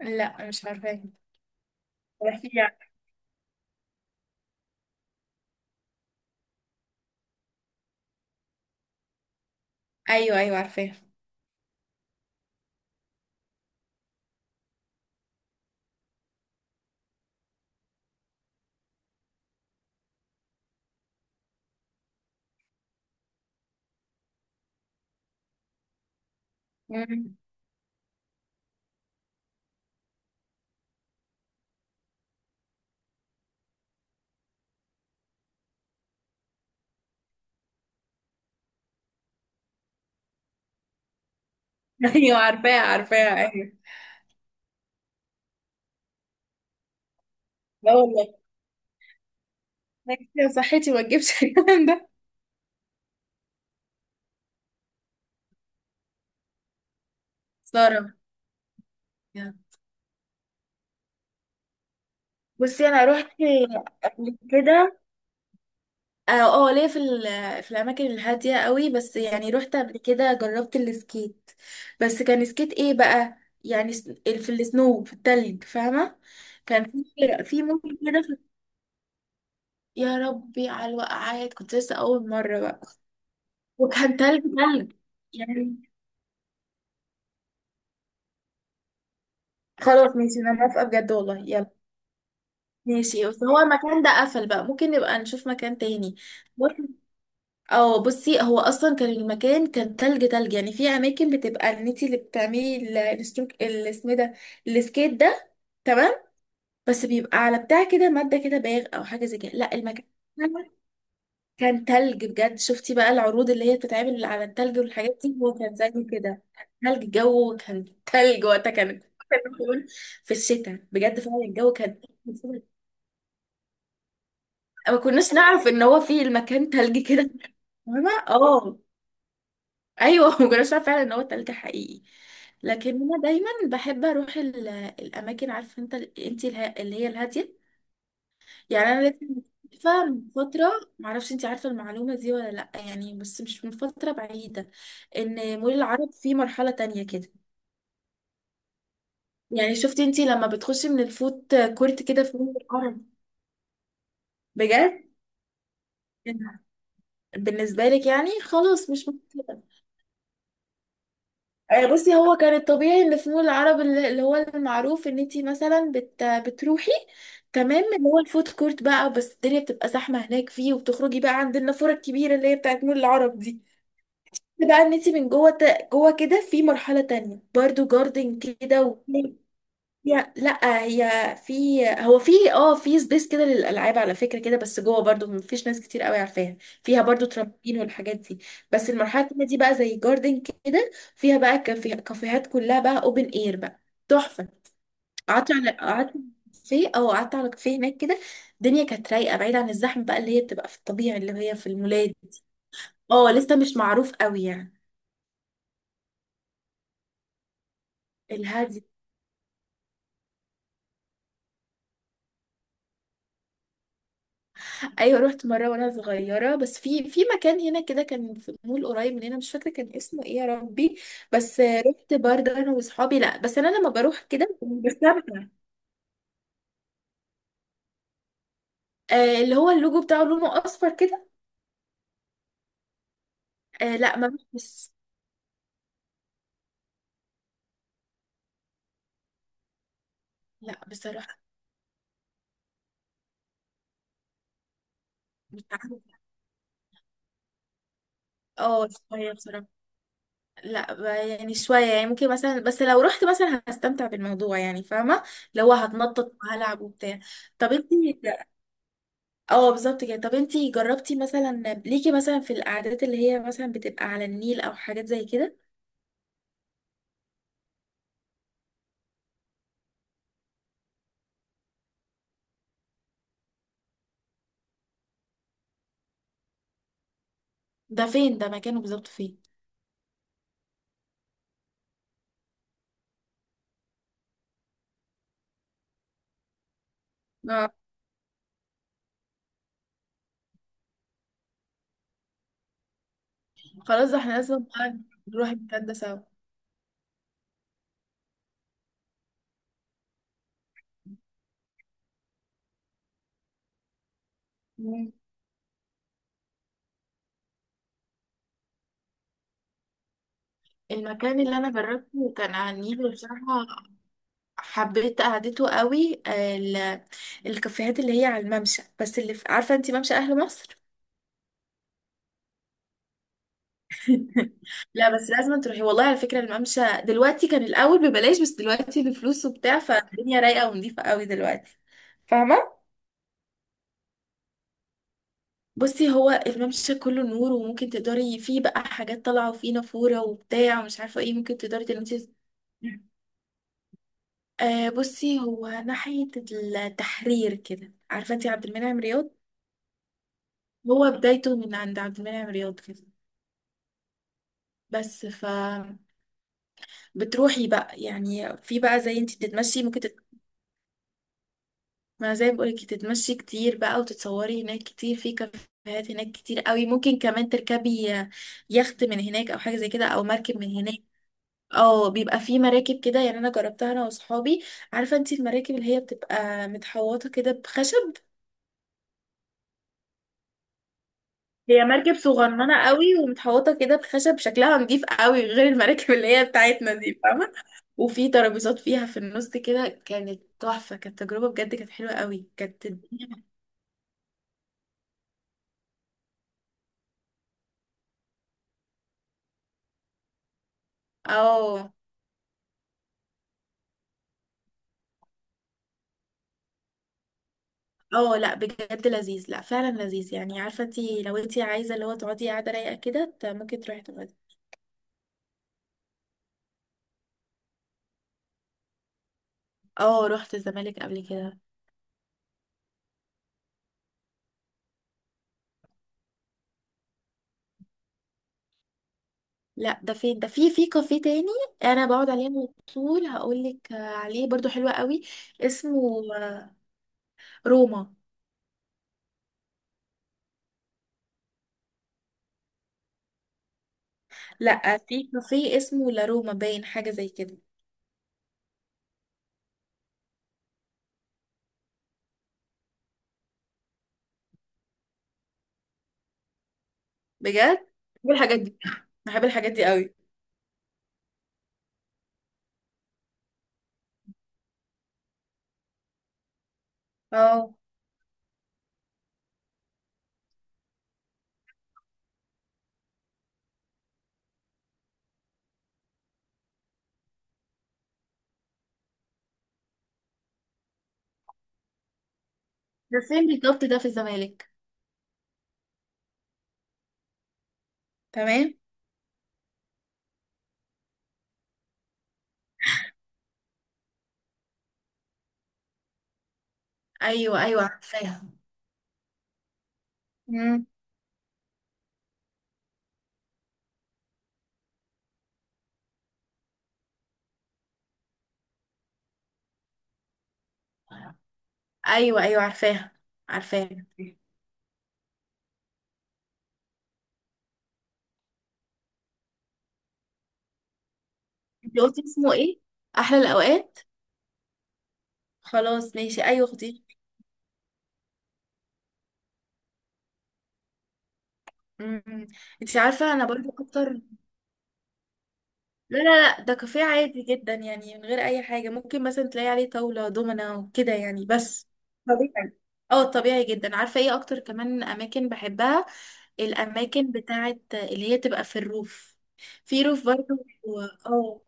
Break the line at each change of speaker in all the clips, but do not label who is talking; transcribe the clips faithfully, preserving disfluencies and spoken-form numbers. لا، مش عارفاها. احكي لي ع- ايوه، ايوه، عارفاها. مم. ايوه، عارفاها، عارفاها، ايوه. لا والله. أنا كده صحتي ما تجيبش الكلام ده. سارة، يعني. بصي انا رحت قبل كده. اه آه، ليا في ال- في الاماكن الهاديه قوي، بس يعني رحت قبل كده جربت السكيت. بس كان سكيت ايه بقى؟ يعني س- ال- في السنو في التلج، فاهمه. كان في في ممكن كده في... يا ربي على الوقعات، كنت لسه اول مره بقى. وكان تلج تلج يعني. خلاص ماشي، انا موافقة بجد، والله يلا. ماشي، بس هو المكان ده قفل بقى، ممكن نبقى نشوف مكان تاني. بص- اه، بصي هو اصلا كان المكان كان تلج تلج يعني. في اماكن بتبقى ان انتي اللي بتعملي ال- الستروك اللي اسمه ده، السكيت ده، تمام. بس بيبقى على بتاع كده، مادة كده، باغ او حاجة زي كده. لا، المكان كان تلج بجد. شفتي بقى العروض اللي هي بتتعمل على التلج والحاجات دي، هو كان زي كده. تلج، الجو كان تلج وقتها، كان كان في الشتاء بجد، فعلا الجو كان. ما كناش نعرف ان هو في المكان تلجي كده. فاهمة، اه. ايوه، ما كناش نعرف فعلا ان هو تلج حقيقي. لكن انا دايما بحب اروح ال- الاماكن، عارفه انت انت الها- اللي هي الهاديه. يعني انا لسه مكتشفة من فتره، معرفش انت عارفه المعلومه دي ولا لا، يعني بس مش من فتره بعيده، ان مول العرب فيه مرحله تانية كده. يعني شفتي انت لما بتخشي من الفوت كورت كده في مول العرب؟ بجد، بالنسبه لك يعني خلاص مش مهم. آه، بصي هو كان الطبيعي اللي في مول العرب، اللي اللي هو المعروف ان انتي مثلا بت بتروحي، تمام، اللي هو الفود كورت بقى. بس الدنيا بتبقى زحمه هناك، فيه وبتخرجي بقى عند النافوره الكبيره اللي هي بتاعت مول العرب دي، بقى ان انتي من جوه ت- جوه كده، في مرحله تانية برضو جاردن كده. هي لا، هي في، هو في، اه في سبيس كده للالعاب، على فكره كده. بس جوه برضو مفيش ناس كتير قوي عارفاها. فيها برضو ترامبين والحاجات دي. بس المرحله التانيه دي بقى زي جاردن كده، فيها بقى كافيه كافيهات، كلها بقى اوبن اير بقى، تحفه. قعدت على قعدت في او قعدت على كافيه هناك كده. الدنيا كانت رايقه، بعيد عن الزحمه بقى اللي هي بتبقى في الطبيعي، اللي هي في المولات. اه، لسه مش معروف قوي يعني. الهادي. ايوه رحت مره وانا صغيره، بس في في مكان هنا كده، كان في مول قريب مننا، مش فاكره كان اسمه ايه يا ربي. بس آه، رحت برضه انا واصحابي. لا، بس انا لما بروح كده بستمتع. آه اللي هو اللوجو بتاعه لونه اصفر كده. آه، لا، ما بس. لا، بصراحه مش عارفه. اه شويه بصراحه. لا، ب- يعني شويه يعني، ممكن مثلا بس لو رحت مثلا هستمتع بالموضوع، يعني فاهمه، اللي هو هتنطط وهلعب وبتاع. طب انت. اه بالظبط كده. طب انتي جربتي مثلا، ليكي مثلا في القعدات اللي هي مثلا بتبقى على النيل او حاجات زي كده؟ ده فين؟ ده مكانه بالظبط فين؟ اه خلاص، ده احنا لازم بقى نروح المكان ده سوا. مم. المكان اللي انا جربته كان على النيل بصراحة، حبيت قعدته قوي. آه، ال- الكافيهات اللي هي على الممشى، بس اللي في- عارفة انتي ممشى اهل مصر؟ لا، بس لازم تروحي والله. على فكرة الممشى دلوقتي كان الأول ببلاش، بس دلوقتي بفلوس وبتاع، فالدنيا رايقة ونضيفة قوي دلوقتي. فاهمة، بصي هو الممشى كله نور، وممكن تقدري فيه بقى حاجات طالعة، وفيه نافورة وبتاع، ومش عارفة ايه، ممكن تقدري تلمسي. آه بصي هو ناحية التحرير كده، عارفة انتي عبد المنعم رياض؟ هو بدايته من عند عبد المنعم رياض كده. بس ف بتروحي بقى يعني، في بقى زي انتي بتتمشي، ممكن تت... ما زي ما بقولك، تتمشي كتير بقى، وتتصوري هناك كتير، في كافيهات هناك كتير قوي، ممكن كمان تركبي يخت من هناك او حاجة زي كده، او مركب من هناك. اه بيبقى في مراكب كده يعني، انا جربتها انا واصحابي. عارفه انتي المراكب اللي هي بتبقى متحوطه كده بخشب؟ هي مركب صغننه قوي ومتحوطه كده بخشب، شكلها نضيف قوي، غير المراكب اللي هي بتاعتنا دي فاهمه. وفي ترابيزات فيها في النص كده، كانت تحفه، كانت تجربه بجد، كانت حلوه قوي، كانت الدنيا. اه، اه، لا بجد لذيذ، لا فعلا لذيذ يعني. عارفه انتي لو انتي عايزه اللي هو تقعدي قاعده رايقه كده، ت- ممكن تروحي تقعدي. اه رحت الزمالك قبل كده. لا، ده فين؟ ده في في كافيه تاني انا بقعد عليه على طول، هقول لك عليه برضو حلو قوي. اسمه روما. لا، في كافيه اسمه، لا، روما باين، حاجه زي كده. بجد بحب الحاجات دي، بحب الحاجات دي قوي. اه ده فين بالظبط؟ ده في الزمالك. تمام. ايوه، ايوه، عارفاها. امم. ايوه، ايوه، عارفاها، عارفاها. انت قلتي اسمه ايه؟ احلى الاوقات. خلاص ماشي، ايوه خطير. امم. انت عارفه انا برضو اكتر. لا، لا، لا، ده كافيه عادي جدا، يعني من غير اي حاجه. ممكن مثلا تلاقي عليه طاوله دومنا وكده يعني، بس، طبيعي. اه طبيعي جدا. عارفه ايه اكتر كمان اماكن بحبها؟ الاماكن بتاعت اللي هي تبقى في الروف. في روف برضو و- اه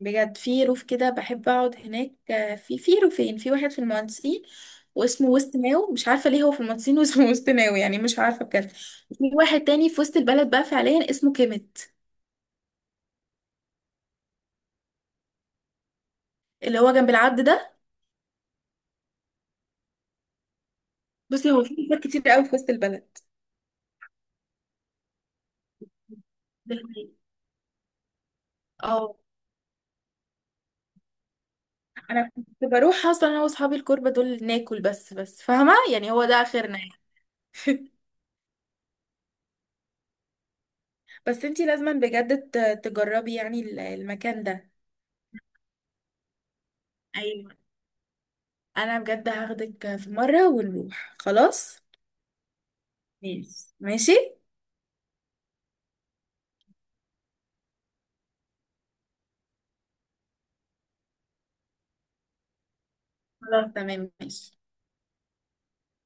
بجد، في روف كده بحب اقعد هناك. آه، في في روفين، في واحد في المهندسين واسمه وسط ناو، مش عارفه ليه هو في المهندسين واسمه وسط ناو يعني. مش عارفه بجد، في واحد تاني في وسط البلد بقى فعليا، اسمه كيميت. اللي هو جنب العبد ده، بصي هو في حاجات كتير قوي في وسط البلد. ده حقيقي. اه انا كنت بروح اصلا انا واصحابي الكوربه دول ناكل بس بس فاهمه يعني، هو ده اخرنا يعني. بس انتي لازما بجد ت- تجربي يعني ال- المكان ده. ايوه انا بجد هاخدك في مره ونروح. خلاص ماشي ماشي. خلاص تمام ماشي.